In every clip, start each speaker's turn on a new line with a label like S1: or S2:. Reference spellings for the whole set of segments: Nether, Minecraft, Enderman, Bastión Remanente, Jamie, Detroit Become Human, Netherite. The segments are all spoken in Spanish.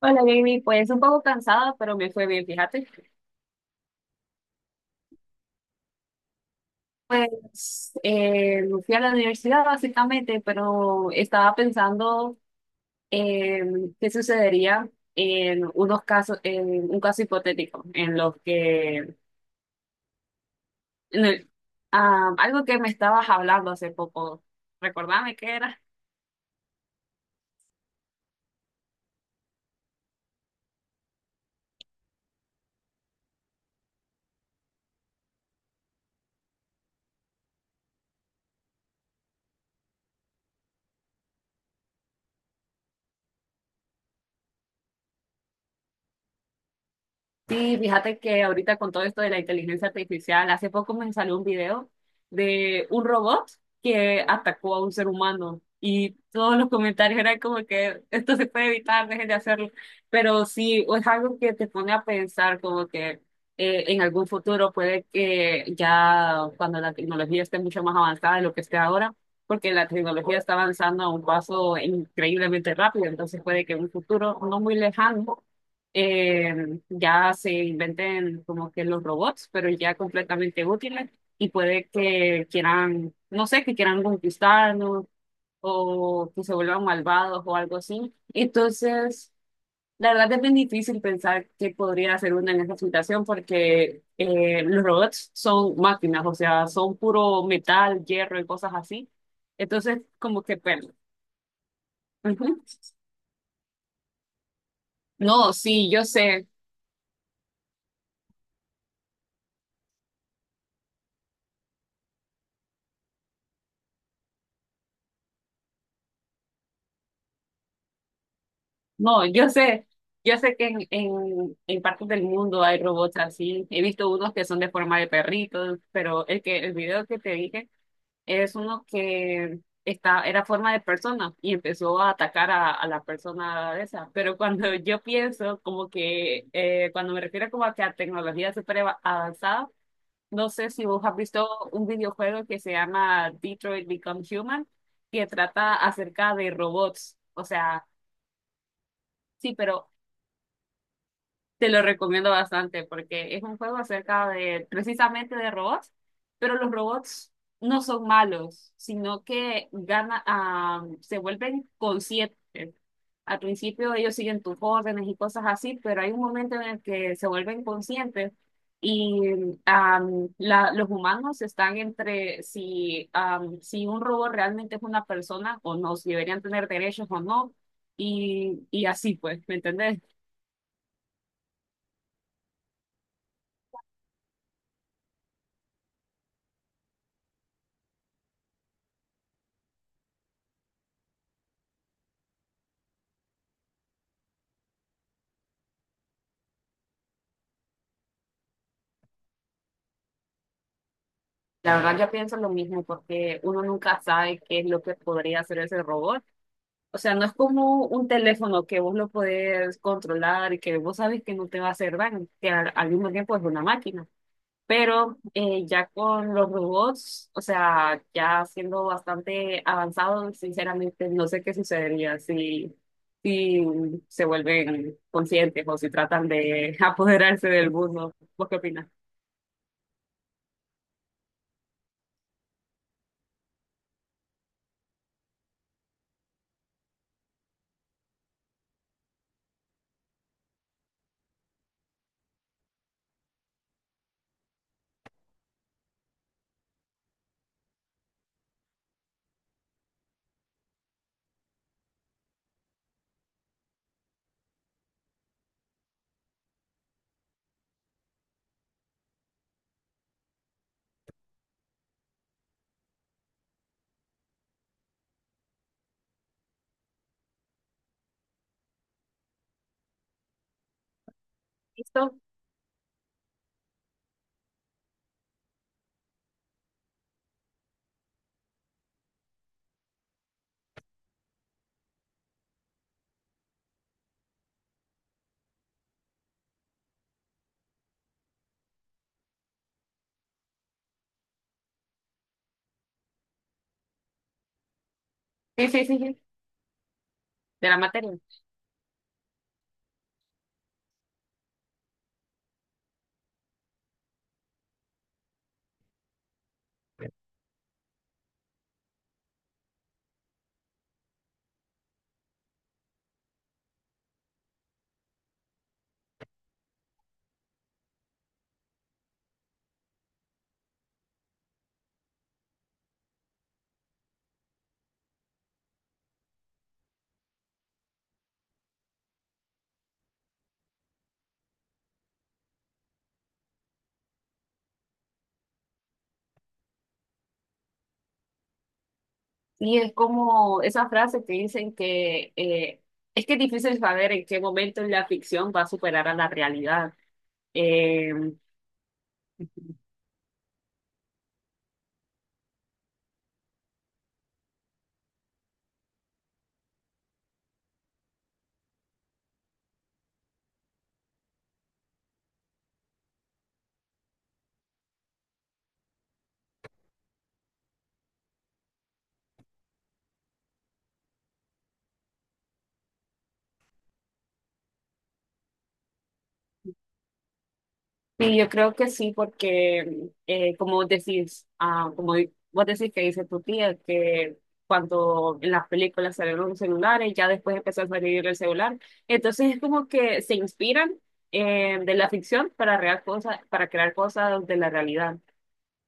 S1: Hola, Jamie, pues un poco cansada, pero me fue bien, fíjate. Pues fui a la universidad básicamente, pero estaba pensando en qué sucedería en unos casos, en un caso hipotético, en los que, en el- ah, algo que me estabas hablando hace poco. ¿Recordame qué era? Sí, fíjate que ahorita con todo esto de la inteligencia artificial, hace poco me salió un video de un robot que atacó a un ser humano, y todos los comentarios eran como que esto se puede evitar, dejen de hacerlo. Pero sí, es algo que te pone a pensar como que en algún futuro puede que ya cuando la tecnología esté mucho más avanzada de lo que esté ahora, porque la tecnología está avanzando a un paso increíblemente rápido, entonces puede que en un futuro no muy lejano eh, ya se inventen como que los robots, pero ya completamente útiles, y puede que quieran, no sé, que quieran conquistarnos o que se vuelvan malvados o algo así. Entonces, la verdad es bien difícil pensar qué podría hacer una en esa situación, porque los robots son máquinas, o sea, son puro metal, hierro y cosas así. Entonces, como que pena. Ujú. No, sí, yo sé. No, yo sé que en, en partes del mundo hay robots así. He visto unos que son de forma de perritos, pero el que el video que te dije es uno que está, era forma de persona y empezó a atacar a la persona esa. Pero cuando yo pienso, como que cuando me refiero como a que a tecnología avanzada, no sé si vos has visto un videojuego que se llama Detroit Become Human, que trata acerca de robots. O sea, sí, pero te lo recomiendo bastante porque es un juego acerca de precisamente de robots, pero los robots no son malos, sino que gana, ah, se vuelven conscientes. Al principio ellos siguen tus órdenes y cosas así, pero hay un momento en el que se vuelven conscientes y los humanos están entre si, si un robot realmente es una persona o no, si deberían tener derechos o no, y así pues, ¿me entendés? La verdad yo pienso lo mismo porque uno nunca sabe qué es lo que podría hacer ese robot. O sea, no es como un teléfono que vos lo podés controlar y que vos sabes que no te va a hacer daño, que al mismo tiempo es una máquina. Pero ya con los robots, o sea, ya siendo bastante avanzados, sinceramente no sé qué sucedería si se vuelven conscientes o si tratan de apoderarse del mundo. ¿Vos qué opinas? ¿Listo? Sí, sí, sí, sí, de la materia. Y es como esa frase que dicen que es que es difícil saber en qué momento la ficción va a superar a la realidad. Eh, y yo creo que sí, porque como decís, ah, vos decís que dice tu tía, que cuando en las películas salieron los celulares, ya después empezó a salir el celular. Entonces es como que se inspiran de la ficción para, real cosas, para crear cosas de la realidad.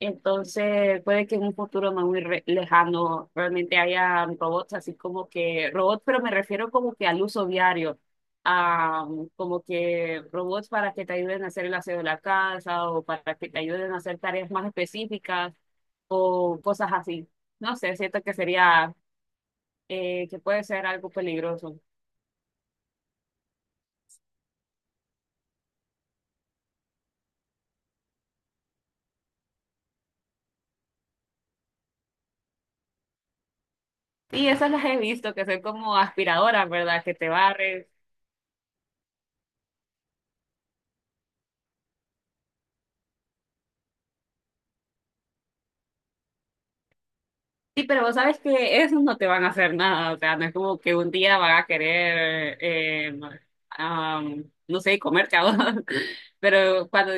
S1: Entonces, puede que en un futuro no muy lejano realmente haya robots, así como que robots, pero me refiero como que al uso diario, a como que robots para que te ayuden a hacer el aseo de la casa o para que te ayuden a hacer tareas más específicas o cosas así. No sé, siento que sería, que puede ser algo peligroso. Y esas las he visto, que son como aspiradoras, ¿verdad? Que te barren sí, pero vos sabes que esos no te van a hacer nada, o sea, no es como que un día van a querer, no sé, comerte a vos, pero cuando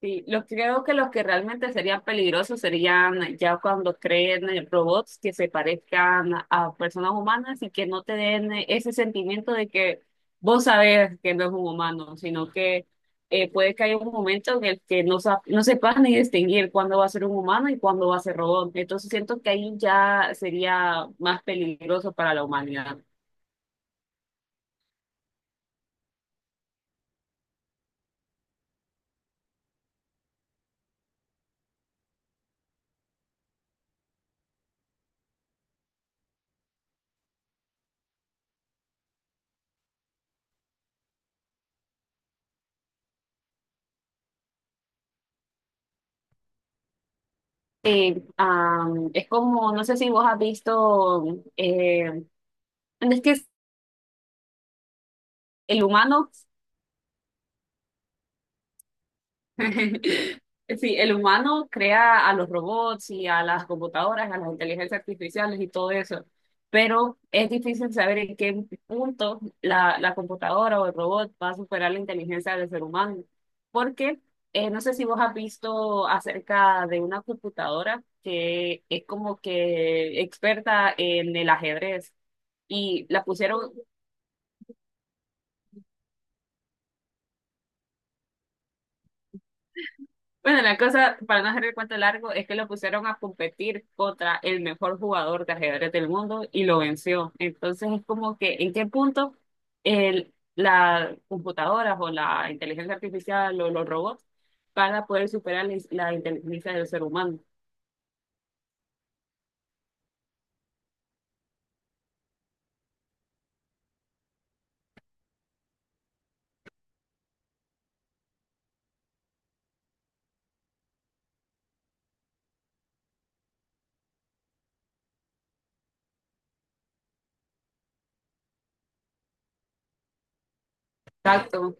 S1: Creo que los que realmente serían peligrosos serían ya cuando creen robots que se parezcan a personas humanas y que no te den ese sentimiento de que vos sabés que no es un humano, sino que puede que haya un momento en el que no, no sepas ni distinguir cuándo va a ser un humano y cuándo va a ser robot. Entonces siento que ahí ya sería más peligroso para la humanidad. Es como, no sé si vos has visto... Eh, es que el humano sí, el humano crea a los robots y a las computadoras, a las inteligencias artificiales y todo eso, pero es difícil saber en qué punto la computadora o el robot va a superar la inteligencia del ser humano, porque no sé si vos has visto acerca de una computadora que es como que experta en el ajedrez y la pusieron bueno, la cosa, para no hacer el cuento largo, es que lo pusieron a competir contra el mejor jugador de ajedrez del mundo y lo venció. Entonces es como que, ¿en qué punto el, las computadoras o la inteligencia artificial o los robots van a poder superar la inteligencia del ser humano? Exacto.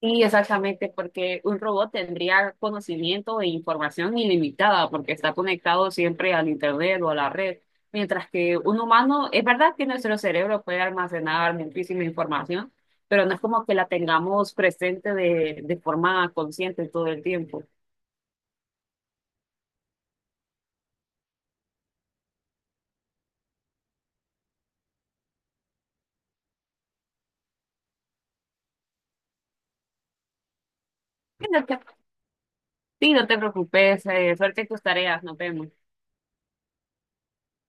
S1: Sí, exactamente, porque un robot tendría conocimiento e información ilimitada porque está conectado siempre al internet o a la red, mientras que un humano, es verdad que nuestro cerebro puede almacenar muchísima información, pero no es como que la tengamos presente de forma consciente todo el tiempo. Sí, no te sí, no te preocupes, suerte en tus tareas, nos vemos.